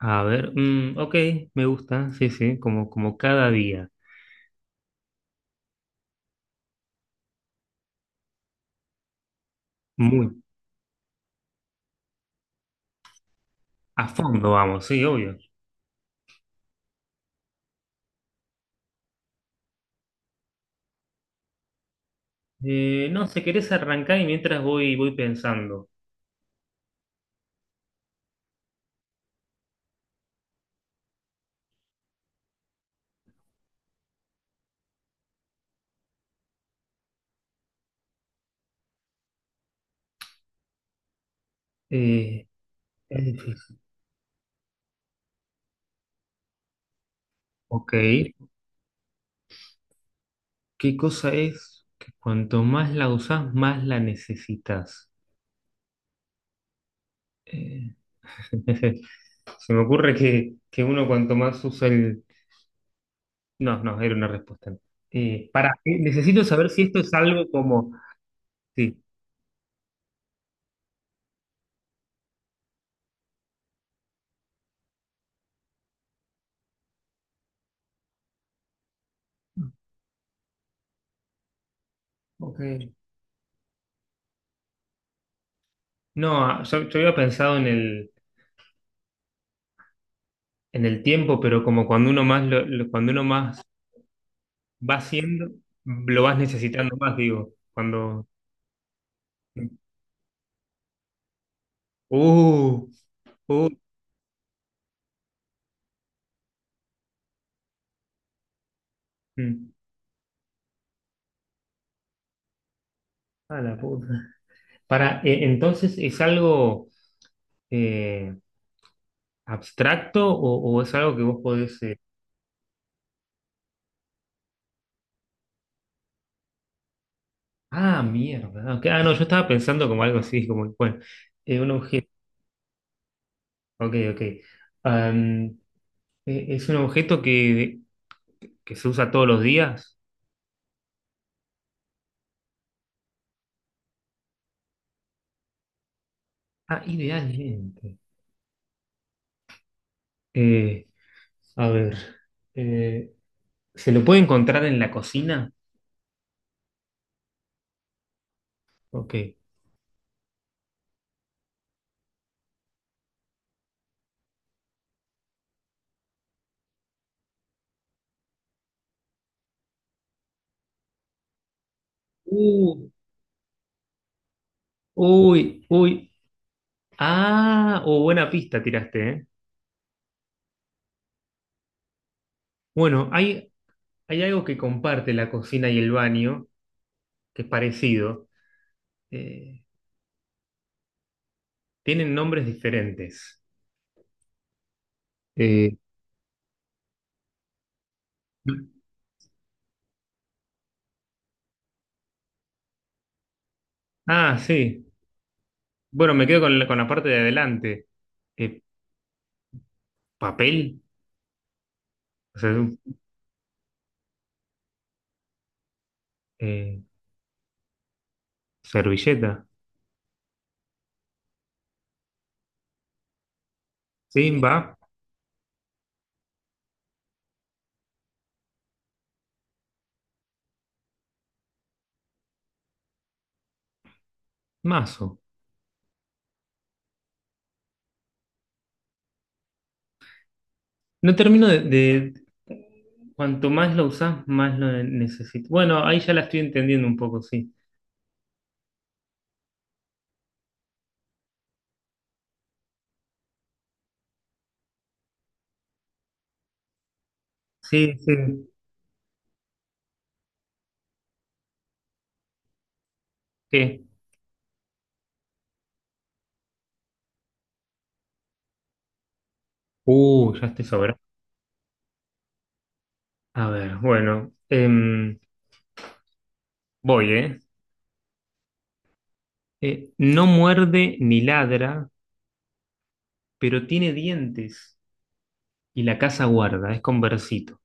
A ver, ok, me gusta, sí, sí, como cada día. Muy a fondo vamos, sí, obvio. No, si querés arrancar y mientras voy pensando. Eh, es difícil. Ok, ¿qué cosa es que cuanto más la usás, más la necesitas? Eh, se me ocurre que uno cuanto más usa el... No, no, era una respuesta. No. Pará, necesito saber si esto es algo como... Sí. Ok. No, yo había pensado en el tiempo, pero como cuando uno más cuando uno más va haciendo, lo vas necesitando más, digo. Cuando. Uh, uh, mm, a la puta. Para, entonces, ¿es algo eh, abstracto o es algo que vos podés. Ah, mierda. Ok, ah, no, yo estaba pensando como algo así, como, bueno, un objeto. Ok, ok. Am, es un objeto que se usa todos los días. Ah, idealmente. eh, A ver, eh, ¿se lo puede encontrar en la cocina? Ok. Uh, uy, uy. Ah, oh, buena pista tiraste, ¿eh? Bueno, hay algo que comparte la cocina y el baño, que es parecido. Eh, Tienen nombres diferentes. Eh, ah, sí. Bueno, me quedo con la parte de adelante. Eh, Papel, o sea, eh, servilleta. Sí, va, mazo. No termino cuanto más lo usás, más lo necesito. Bueno, ahí ya la estoy entendiendo un poco, sí. Sí, sí. ¿Qué? Ya estoy sobrado. A ver, bueno, voy, ¿eh? No muerde ni ladra, pero tiene dientes y la casa guarda, es conversito.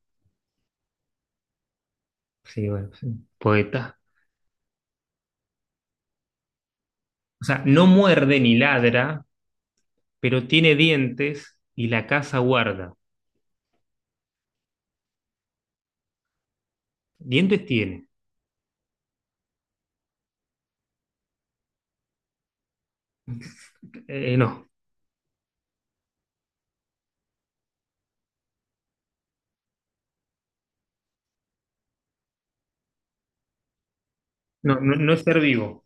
Sí, bueno, sí, poeta. O sea, no muerde ni ladra, pero tiene dientes y la casa guarda. ¿Dientes tiene? No, no, no, no es ser vivo.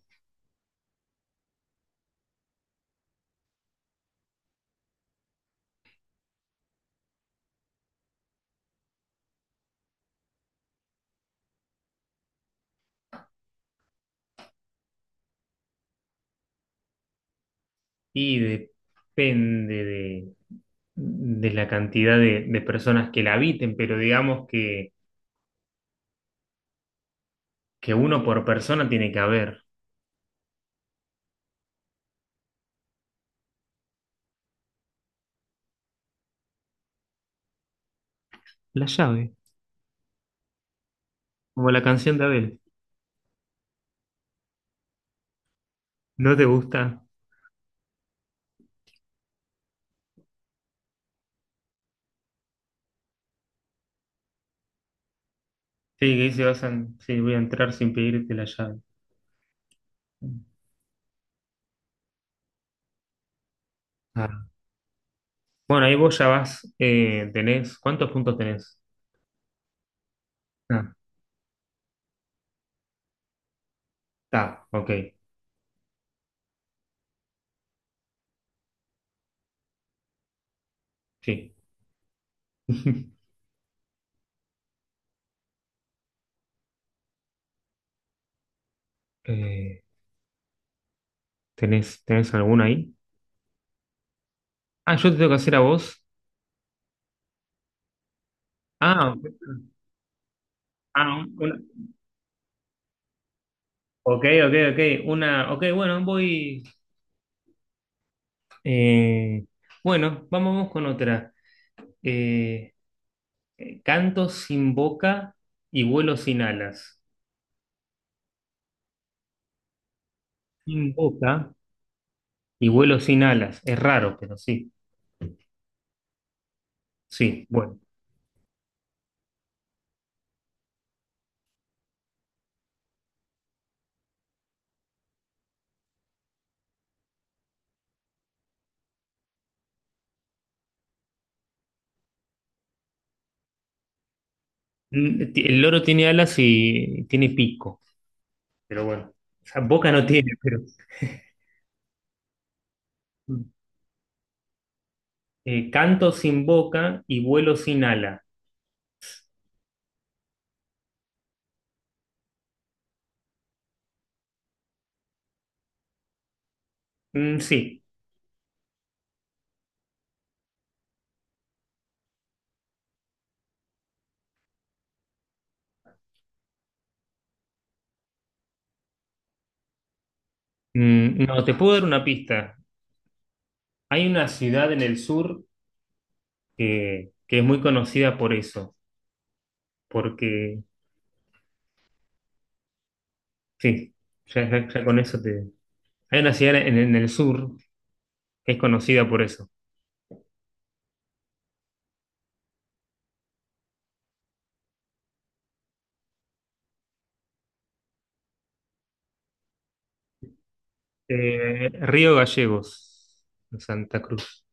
Y depende de la cantidad de personas que la habiten, pero digamos que uno por persona tiene que haber. La llave, como la canción de Abel. ¿No te gusta? Sí, que dice, sí, voy a entrar sin pedirte la llave. Ah. Bueno, ahí vos ya tenés, ¿cuántos puntos tenés? Ah, está, ok, sí. Eh, ¿tenés alguna ahí? Ah, yo te tengo que hacer a vos. Ah, ah, una, ok, ok, ok, una, ok, bueno, voy. Eh, bueno, vamos, vamos con otra. Eh, Canto sin boca y vuelo sin alas. Sin boca y vuelo sin alas. Es raro, pero sí. Sí, bueno. El loro tiene alas y tiene pico, pero bueno. O sea, boca no tiene, pero... Mm. Canto sin boca y vuelo sin ala. Mm, sí. No, te puedo dar una pista. Hay una ciudad en el sur que es muy conocida por eso porque sí, ya con eso te... Hay una ciudad en el sur que es conocida por eso. Río Gallegos, en Santa Cruz.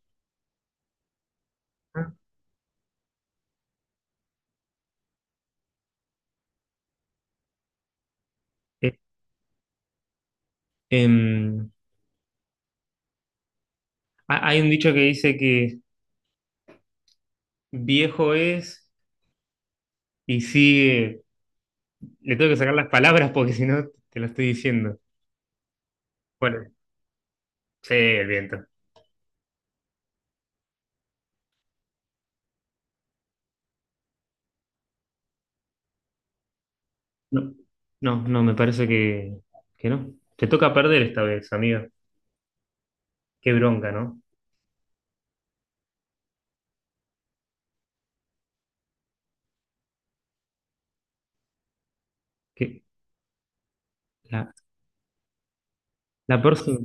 Ah. Eh, em, Hay un dicho que dice que viejo es y sigue... Le tengo que sacar las palabras porque si no te lo estoy diciendo. Bueno, sí, el viento. No, no, no, me parece que no. Te toca perder esta vez, amigo. Qué bronca, ¿no? Que la, la próxima...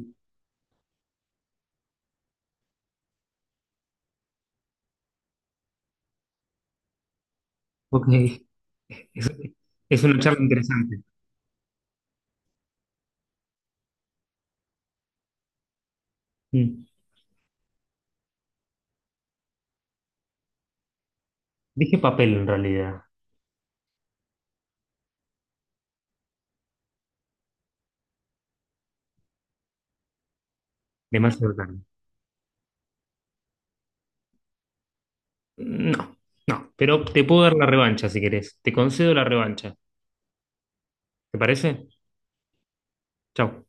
Ok, es es una charla interesante. Mm. Dije papel en realidad. Demasiado tarde. No, no. Pero te puedo dar la revancha si querés. Te concedo la revancha. ¿Te parece? Chau.